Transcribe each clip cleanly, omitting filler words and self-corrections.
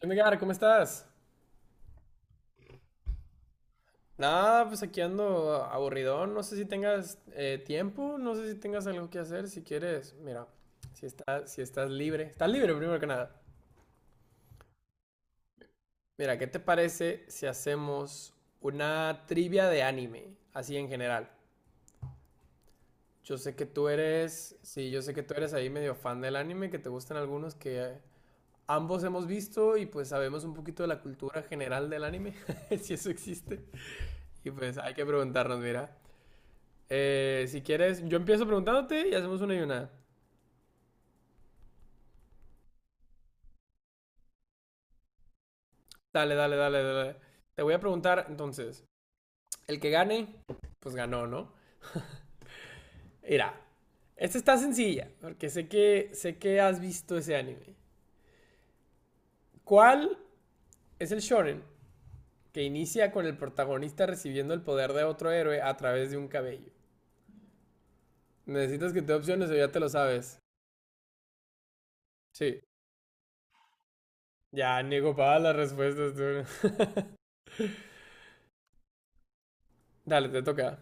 ¿Qué onda, Edgar? ¿Cómo estás? Nada, pues aquí ando aburridón. No sé si tengas tiempo, no sé si tengas algo que hacer. Si quieres, mira, si estás libre, estás libre primero que nada. Mira, ¿qué te parece si hacemos una trivia de anime, así en general? Yo sé que tú eres, sí, yo sé que tú eres ahí medio fan del anime, que te gustan algunos que ambos hemos visto y pues sabemos un poquito de la cultura general del anime, si eso existe. Y pues hay que preguntarnos, mira. Si quieres, yo empiezo preguntándote y hacemos una y una. Dale, dale, dale, dale. Te voy a preguntar entonces. El que gane, pues ganó, ¿no? Mira, esta está sencilla, porque sé que has visto ese anime. ¿Cuál es el shonen que inicia con el protagonista recibiendo el poder de otro héroe a través de un cabello? ¿Necesitas que te dé opciones o ya te lo sabes? Sí. Ya, niego para las respuestas, tú. Dale, te toca.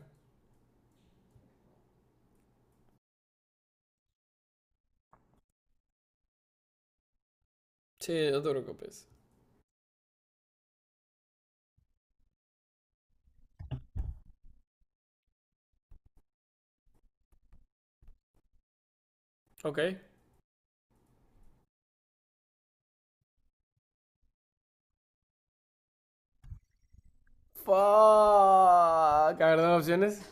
Sí, no te preocupes. Ok, fuck. A ver, dame opciones.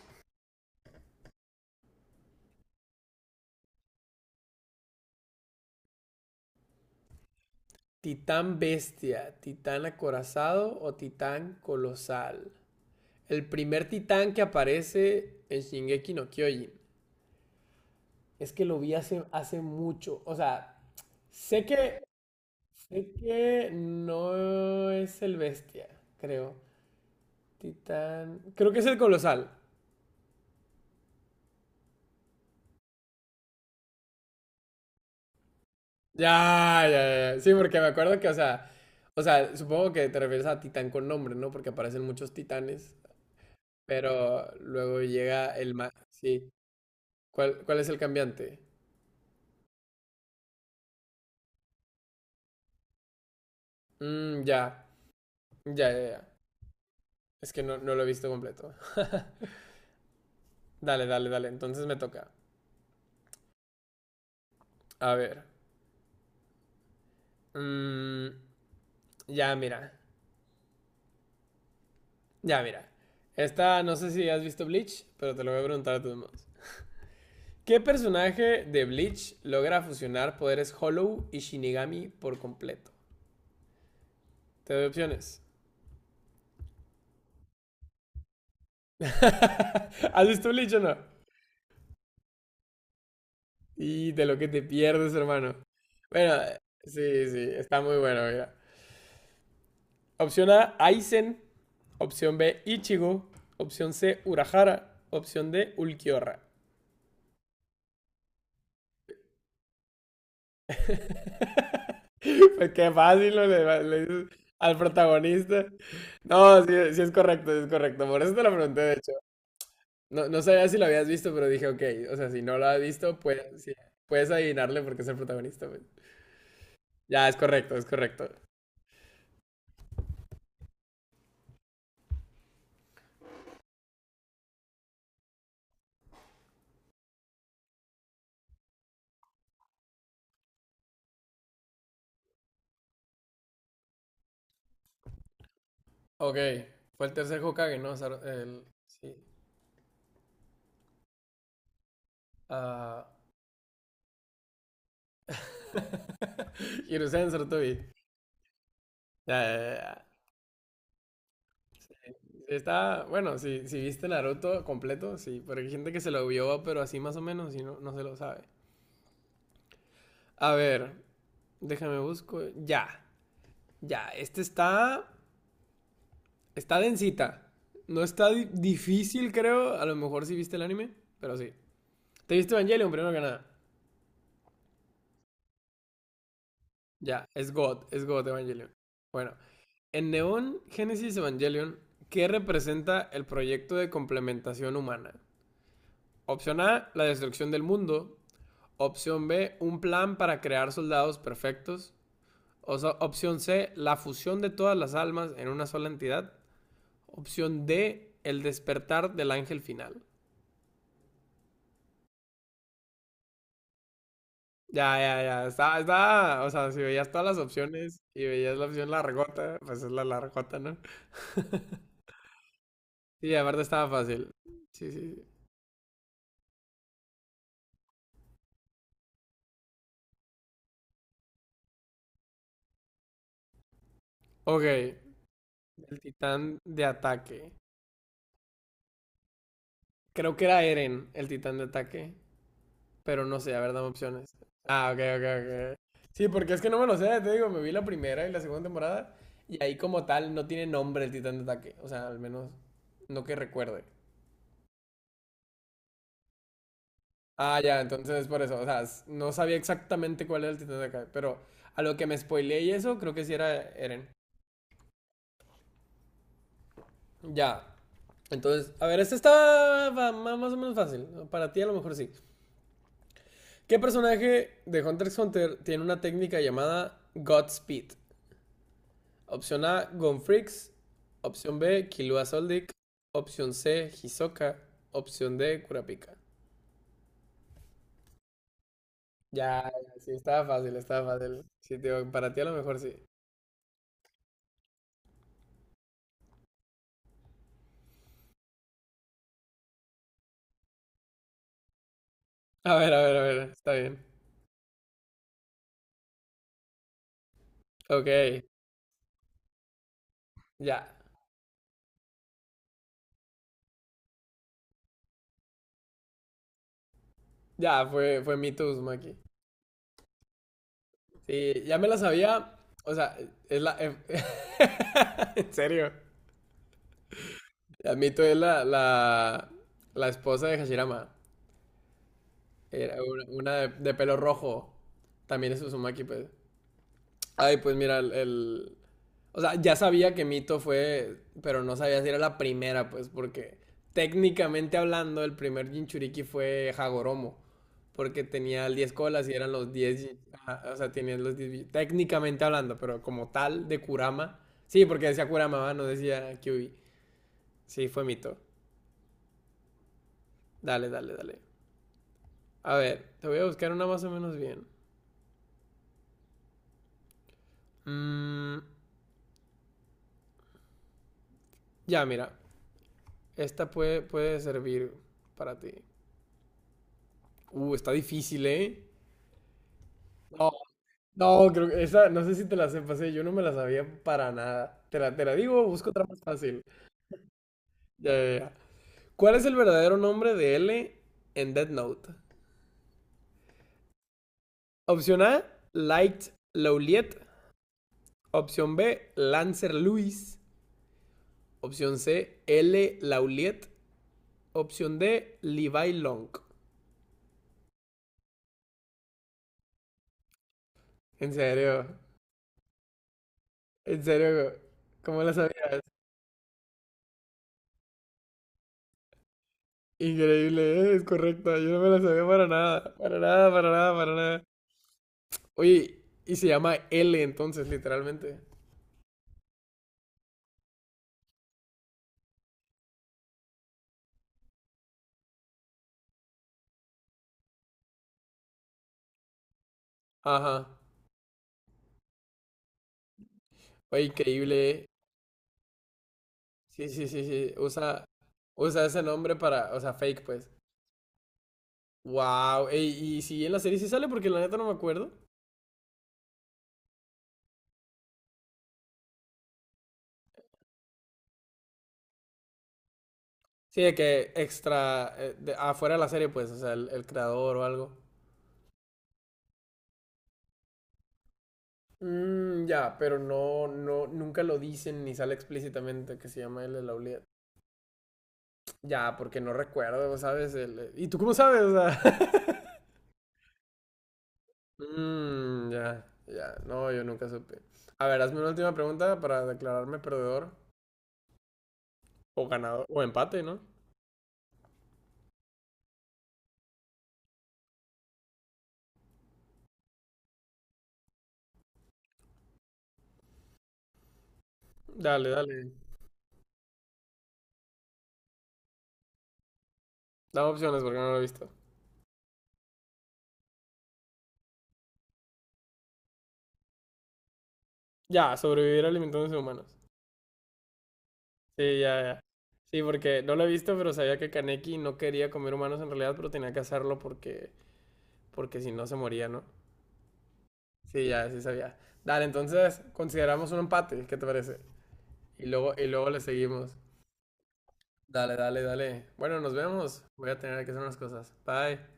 Titán bestia, titán acorazado o titán colosal. El primer titán que aparece en Shingeki no Kyojin. Es que lo vi hace, hace mucho. O sea, sé que, sé que no es el bestia, creo. Titán. Creo que es el colosal. Ya, ya, ya. Sí, porque me acuerdo que, o sea, supongo que te refieres a titán con nombre, ¿no? Porque aparecen muchos titanes. Pero luego llega el ma... Sí. ¿Cuál es el cambiante? Mm, ya. Ya, ya, ya. Es que no, no lo he visto completo. Dale, dale, dale. Entonces me toca. A ver. Mm, ya, mira. Ya, mira. Esta, no sé si has visto Bleach, pero te lo voy a preguntar a todos modos. ¿Qué personaje de Bleach logra fusionar poderes Hollow y Shinigami por completo? Te doy opciones. ¿Has visto Bleach o no? Y de lo que te pierdes, hermano. Bueno, sí, está muy bueno, mira. Opción A, Aizen. Opción B, Ichigo. Opción C, Urahara. Opción D, Ulquiorra. Pues qué fácil, ¿no? Le dices al protagonista. No, sí, sí es correcto, sí es correcto. Por eso te lo pregunté, de hecho. No, no sabía si lo habías visto, pero dije, ok, o sea, si no lo has visto, pues, sí, puedes adivinarle porque es el protagonista. Pues. Ya, es correcto, es correcto. Ok, fue el tercer Hokage, ¿no? Sar- el... Sí. Ah. Hiruzen Sarutobi. Ya, ya, ya. Está, bueno, si viste Naruto completo, sí, pero hay gente que se lo vio, pero así más o menos y no, no se lo sabe. A ver, déjame busco. Ya, ya, está densita. No está di- difícil, creo. A lo mejor sí viste el anime, pero sí. ¿Te viste Evangelion primero que nada? Ya, es God Evangelion. Bueno, en Neon Genesis Evangelion, ¿qué representa el proyecto de complementación humana? Opción A, la destrucción del mundo. Opción B, un plan para crear soldados perfectos. O sea, opción C, la fusión de todas las almas en una sola entidad. Opción D, el despertar del ángel final. Ya, ya, ya. Está, está. O sea, si veías todas las opciones y veías la opción largota, pues es la largota, ¿no? Sí, aparte estaba fácil. Sí, sí. Sí. Ok, el titán de ataque. Creo que era Eren, el titán de ataque. Pero no sé, a ver, dame opciones. Ah, ok, ok, ok. Sí, porque es que no me lo sé, te digo, me vi la primera y la segunda temporada. Y ahí como tal no tiene nombre el titán de ataque. O sea, al menos no que recuerde. Ah, ya, entonces por eso. O sea, s- no sabía exactamente cuál era el titán de ataque. Pero a lo que me spoileé y eso, creo que sí era Eren. Ya. Entonces, a ver, este está va- ma- más o menos fácil. Para ti a lo mejor sí. ¿Qué personaje de Hunter x Hunter tiene una técnica llamada Godspeed? Opción A, Gonfrix. Opción B, Killua Soldic. Opción C, Hisoka. Opción D, Kurapika. Ya, ya, sí, estaba fácil, estaba fácil. Sí, tío, para ti a lo mejor sí. A ver, a ver, a ver, está bien. Ok, ya, ya, fue mi Tuzma aquí. Sí, ya me la sabía, o sea, es la... en serio. Mito es la esposa de Hashirama. Era una de pelo rojo. También es Uzumaki, pues. Ay, pues mira, el- O sea, ya sabía que Mito fue, pero no sabía si era la primera, pues, porque técnicamente hablando, el primer Jinchuriki fue Hagoromo, porque tenía el 10 colas y eran los 10, jin- ajá, o sea, tenían los 10, bi- técnicamente hablando, pero como tal, de Kurama. Sí, porque decía Kurama, ¿va? No decía Kyubi. Sí, fue Mito. Dale, dale, dale. A ver, te voy a buscar una más o menos bien. Mm, ya, mira. Esta puede servir para ti. Está difícil, ¿eh? No, no, creo que esa, no sé si te la sepas, ¿eh? Yo no me la sabía para nada. Te la digo, busco otra más fácil. Ya, ya, ya. ¿Cuál es el verdadero nombre de L en Death Note? Opción A, Light Lauliet. Opción B, Lancer Lewis. Opción C, L Lauliet. Opción D, Levi Long. En serio, en serio, ¿cómo la sabías? Increíble, ¿eh? Es correcta. Yo no me la sabía para nada, para nada, para nada, para nada. Oye, y se llama L entonces, literalmente. Ajá. Oye, increíble, ¿eh? Sí, sí, sí, sí. Usa ese nombre para, o sea, fake, pues. Wow. Y si en la serie sí sale, porque la neta no me acuerdo. Sí, de que extra, de- afuera de la serie, pues, o sea, el creador o algo. Ya, pero no, no, nunca lo dicen ni sale explícitamente que se llama L. Lauliet. Ya, porque no recuerdo, ¿sabes? El- ¿y tú cómo sabes? O sea, Ya, ya. No, yo nunca supe. A ver, hazme una última pregunta para declararme perdedor o ganador o empate, ¿no? Dale, dale. Dame opciones porque no lo he visto. Ya, sobrevivir alimentándose de humanos. Sí, ya, ya. Sí, porque no lo he visto, pero sabía que Kaneki no quería comer humanos en realidad, pero tenía que hacerlo porque, porque si no se moría, ¿no? Sí, ya, sí sabía. Dale, entonces consideramos un empate, ¿qué te parece? Y luego le seguimos. Dale, dale, dale. Bueno, nos vemos. Voy a tener que hacer unas cosas. Bye.